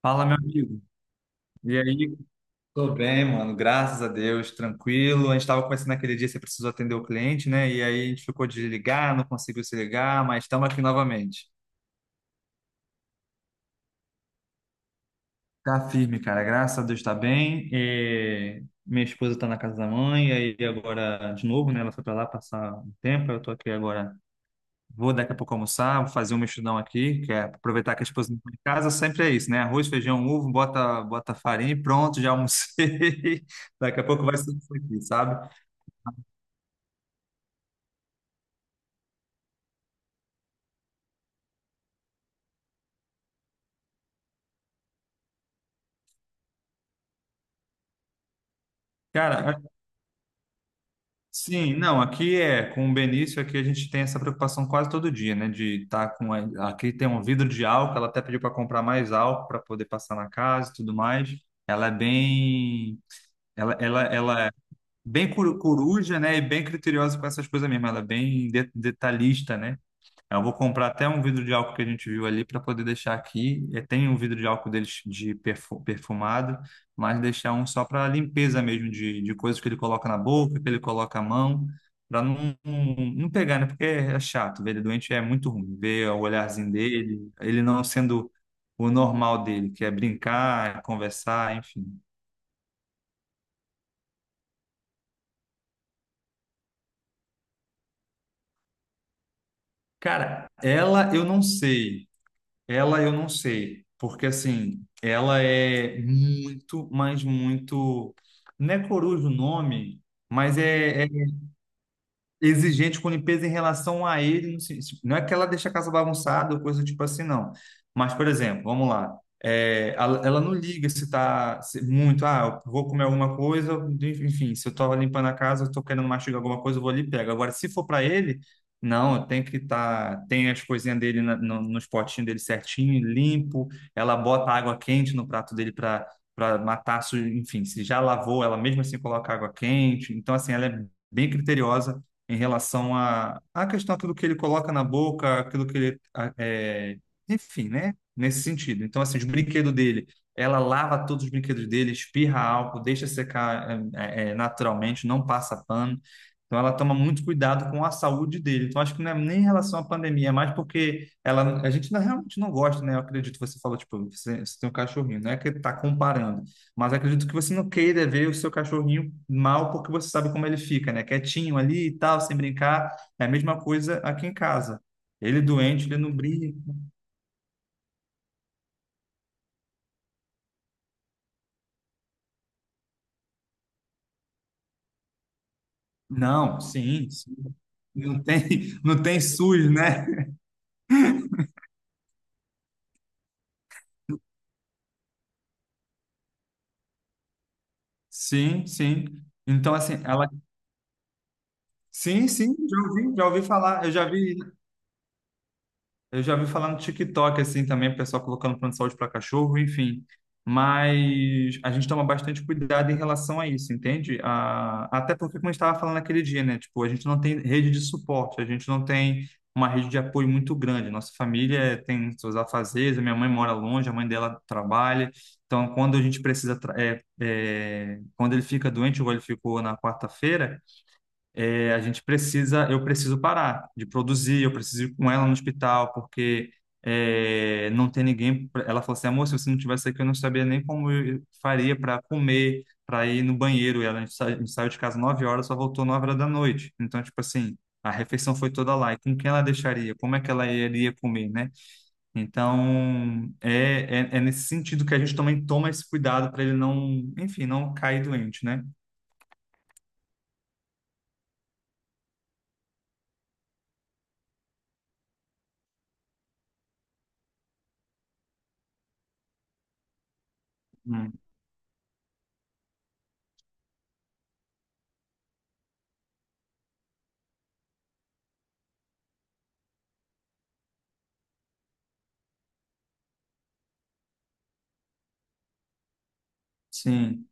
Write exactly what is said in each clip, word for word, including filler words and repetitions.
Fala, meu amigo. E aí? Tô bem, mano. Graças a Deus, tranquilo. A gente tava conversando naquele dia, você precisou atender o cliente, né? E aí a gente ficou de ligar, não conseguiu se ligar, mas estamos aqui novamente. Tá firme, cara. Graças a Deus tá bem. E minha esposa tá na casa da mãe, e aí agora de novo, né? Ela foi pra lá passar um tempo, eu tô aqui agora. Vou daqui a pouco almoçar, vou fazer um mexidão aqui, que é aproveitar que a esposa não está em casa, sempre é isso, né? Arroz, feijão, ovo, bota, bota farinha e pronto, já almocei. Daqui a pouco vai ser isso aqui, sabe? Cara, a- sim, não, aqui é, com o Benício, aqui a gente tem essa preocupação quase todo dia, né? De estar com. a- Aqui tem um vidro de álcool, ela até pediu para comprar mais álcool para poder passar na casa e tudo mais. Ela é bem. Ela, ela, ela é bem coru- coruja, né? E bem criteriosa com essas coisas mesmo, ela é bem de- detalhista, né? Eu vou comprar até um vidro de álcool que a gente viu ali para poder deixar aqui. É, tem um vidro de álcool deles de perfu- perfumado, mas deixar um só para limpeza mesmo de, de coisas que ele coloca na boca, que ele coloca a mão, para não, não não pegar, né? Porque é chato, ver ele doente é muito ruim. Ver o olharzinho dele, ele não sendo o normal dele, que é brincar, conversar, enfim. Cara, ela eu não sei. Ela eu não sei, porque assim, ela é muito, mas muito. Não é coruja o nome, mas é, é exigente com limpeza em relação a ele. no sen- Não é que ela deixa a casa bagunçada ou coisa tipo assim, não. Mas, por exemplo, vamos lá. é, ela, ela não liga se tá se- muito, ah, eu vou comer alguma coisa, enfim, se eu tô limpando a casa, eu tô querendo mastigar alguma coisa, eu vou ali e pego. Agora, se for para ele, não, eu tenho que estar, tá, tem as coisinhas dele na, no, nos potinhos dele certinho, limpo, ela bota água quente no prato dele para para matar, su- enfim, se já lavou, ela mesmo assim coloca água quente. Então, assim, ela é bem criteriosa em relação à à questão aquilo que ele coloca na boca, aquilo que ele, a- é, enfim, né? Nesse sentido. Então, assim, os brinquedos dele, ela lava todos os brinquedos dele, espirra álcool, deixa secar é, é, é, naturalmente, não passa pano. Então, ela toma muito cuidado com a saúde dele. Então, acho que não é nem em relação à pandemia, é mais porque ela, a gente não- realmente não gosta, né? Eu acredito, que você falou, tipo, você, você tem um cachorrinho, não é que ele está comparando. Mas acredito que você não queira ver o seu cachorrinho mal porque você sabe como ele fica, né? Quietinho ali e tal, sem brincar. É a mesma coisa aqui em casa. Ele é doente, ele não brinca. Não, sim, sim. Não tem, não tem suss, né? Sim, sim. Então, assim, ela. Sim, sim, já ouvi, já ouvi falar. Eu já vi. Eu já vi falar no TikTok, assim, também, o pessoal colocando plano de saúde para cachorro, enfim. Mas a gente toma bastante cuidado em relação a isso, entende? A- até porque, como a gente estava falando naquele dia, né? Tipo, a gente não tem rede de suporte, a gente não tem uma rede de apoio muito grande. Nossa família tem seus afazeres, a minha mãe mora longe, a mãe dela trabalha. Então, quando a gente precisa... tra- é, é, quando ele fica doente, igual ele ficou na quarta-feira, é, a gente precisa, eu preciso parar de produzir, eu preciso ir com ela no hospital, porque é, não tem ninguém. pra- Ela falou assim, amor, se você não tivesse aqui, eu não sabia nem como eu faria para comer, para ir no banheiro. E ela, a gente sa- a gente saiu de casa nove horas, só voltou nove horas da noite. Então, tipo assim, a refeição foi toda lá. E com quem ela deixaria? Como é que ela iria comer, né? Então, é, é, é nesse sentido que a gente também toma esse cuidado para ele não, enfim, não cair doente, né? Hum. Sim,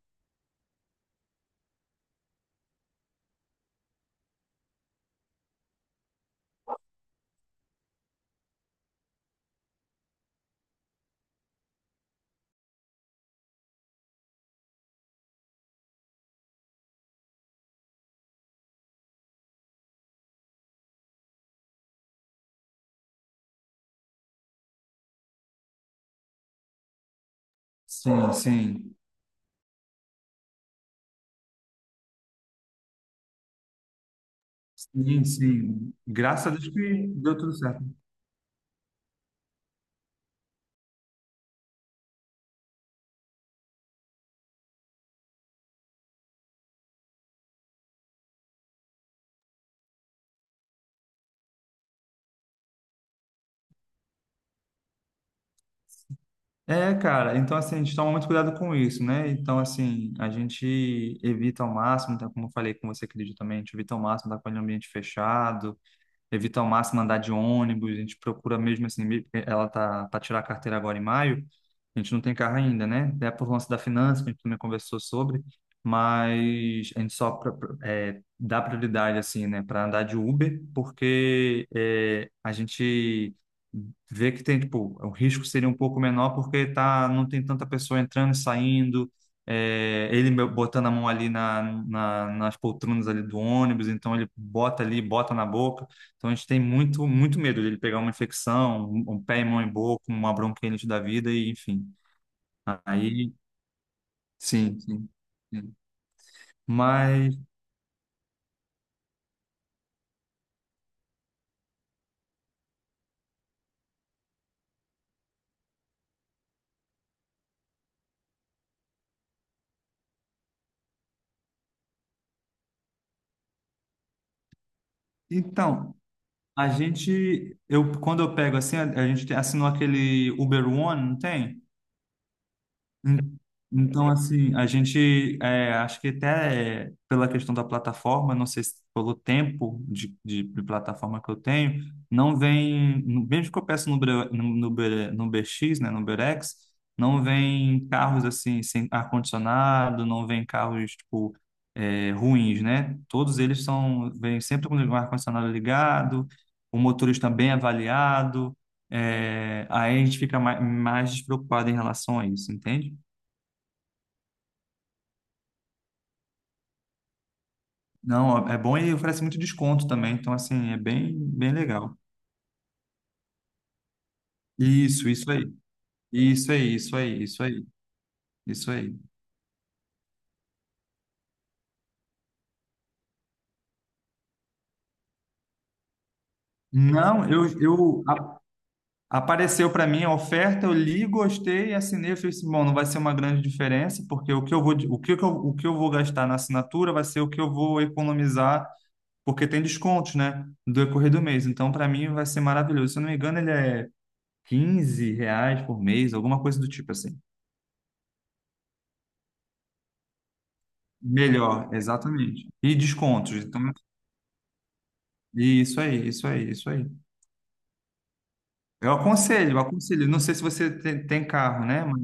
sim, sim. Sim, sim. Graças a Deus que deu tudo certo. É, cara, então assim, a gente toma muito cuidado com isso, né? Então, assim, a gente evita ao máximo, então, como eu falei com você, acredito também, a gente evita ao máximo estar com ele em ambiente fechado, evito ao máximo andar de ônibus, a gente procura mesmo assim, me- eh, ela tá para tirar a carteira agora em maio, a gente não tem carro ainda, né? É por lance da finança, que a gente também conversou sobre, mas a gente só pra- pra- é, dá prioridade assim, né, para andar de Uber, porque é, a gente vê que tem, tipo, o risco seria um pouco menor porque tá, não tem tanta pessoa entrando e saindo, é, ele me- botando a mão ali na, na- nas poltronas ali do ônibus, então ele bota ali, bota na boca, então a gente tem muito, muito medo dele pegar uma infecção, um, um pé e mão em boca, uma bronquite da vida, e enfim. Aí, sim, sim, sim. Mas, então, a gente, eu, quando eu pego assim, a, a gente tem- assinou aquele Uber One, não tem? En- Então, assim, a gente, é, acho que até é, pela questão da plataforma, não sei se pelo tempo de, de, de plataforma que eu tenho, não vem, no- mesmo que eu peço no, Bre- no, no, Bre- no B X, né, no Berex, não vem carros, assim, sem ar-condicionado, não vem carros, tipo, é, ruins, né? Todos eles são, vêm sempre com o ar-condicionado ligado, o motorista bem avaliado, é, aí a gente fica mais, mais despreocupado em relação a isso, entende? Não, é bom e oferece muito desconto também, então assim, é bem, bem legal. Isso, isso aí. Isso aí, isso aí, isso aí, isso aí. Não, eu, eu a- apareceu para mim a oferta, eu li, gostei, assinei, eu falei assim, bom, não vai ser uma grande diferença, porque o que eu vou, de- o que eu, o que eu vou gastar na assinatura vai ser o que eu vou economizar, porque tem descontos, né, do decorrer do mês. Então, para mim vai ser maravilhoso. Se eu não me engano, ele é quinze reais por mês, alguma coisa do tipo assim. Melhor, exatamente. E descontos. Então, isso aí, isso aí, isso aí. Eu aconselho, eu aconselho. Não sei se você tem, tem carro, né? Mas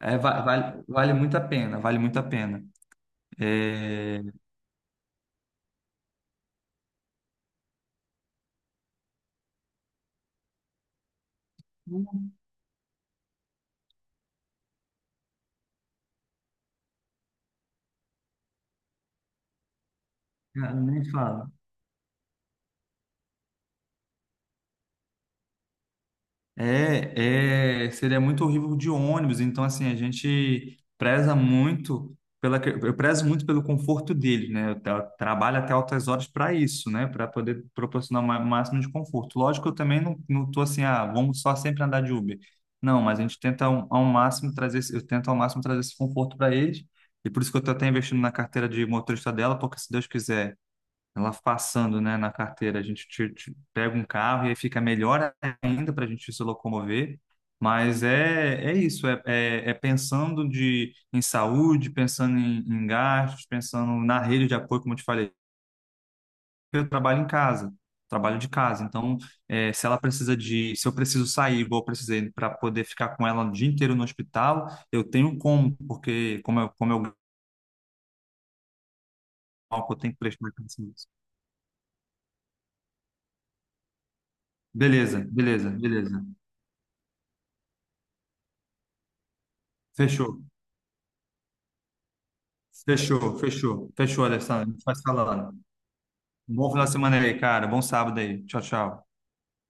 é, va- vale vale muito a pena, vale muito a pena. É... Cara, nem fala. É, é, seria muito horrível de ônibus. Então, assim, a gente preza muito pela, que- eu prezo muito pelo conforto dele, né? Eu tra- trabalho até altas horas para isso, né? Para poder proporcionar o ma- máximo de conforto. Lógico, eu também não, não tô assim, ah, vamos só sempre andar de Uber. Não, mas a gente tenta ao, ao máximo trazer, esse- eu tento ao máximo trazer esse conforto para eles. E por isso que eu tô até investindo na carteira de motorista dela, porque se Deus quiser ela passando, né, na carteira. A gente te- te pega um carro e aí fica melhor ainda para a gente se locomover. Mas é, é isso, é, é, é pensando de, em saúde, pensando em, em gastos, pensando na rede de apoio, como eu te falei. Eu trabalho em casa, trabalho de casa. Então, é, se ela precisa de, se eu preciso sair, igual eu precisei, para poder ficar com ela o dia inteiro no hospital, eu tenho como, porque como eu, como eu, eu tenho que prestar atenção nisso. Beleza, beleza, beleza. Fechou. Fechou, fechou. Fechou, Alessandro. A gente vai se falando. Bom final de semana aí, cara. Bom sábado aí. Tchau, tchau.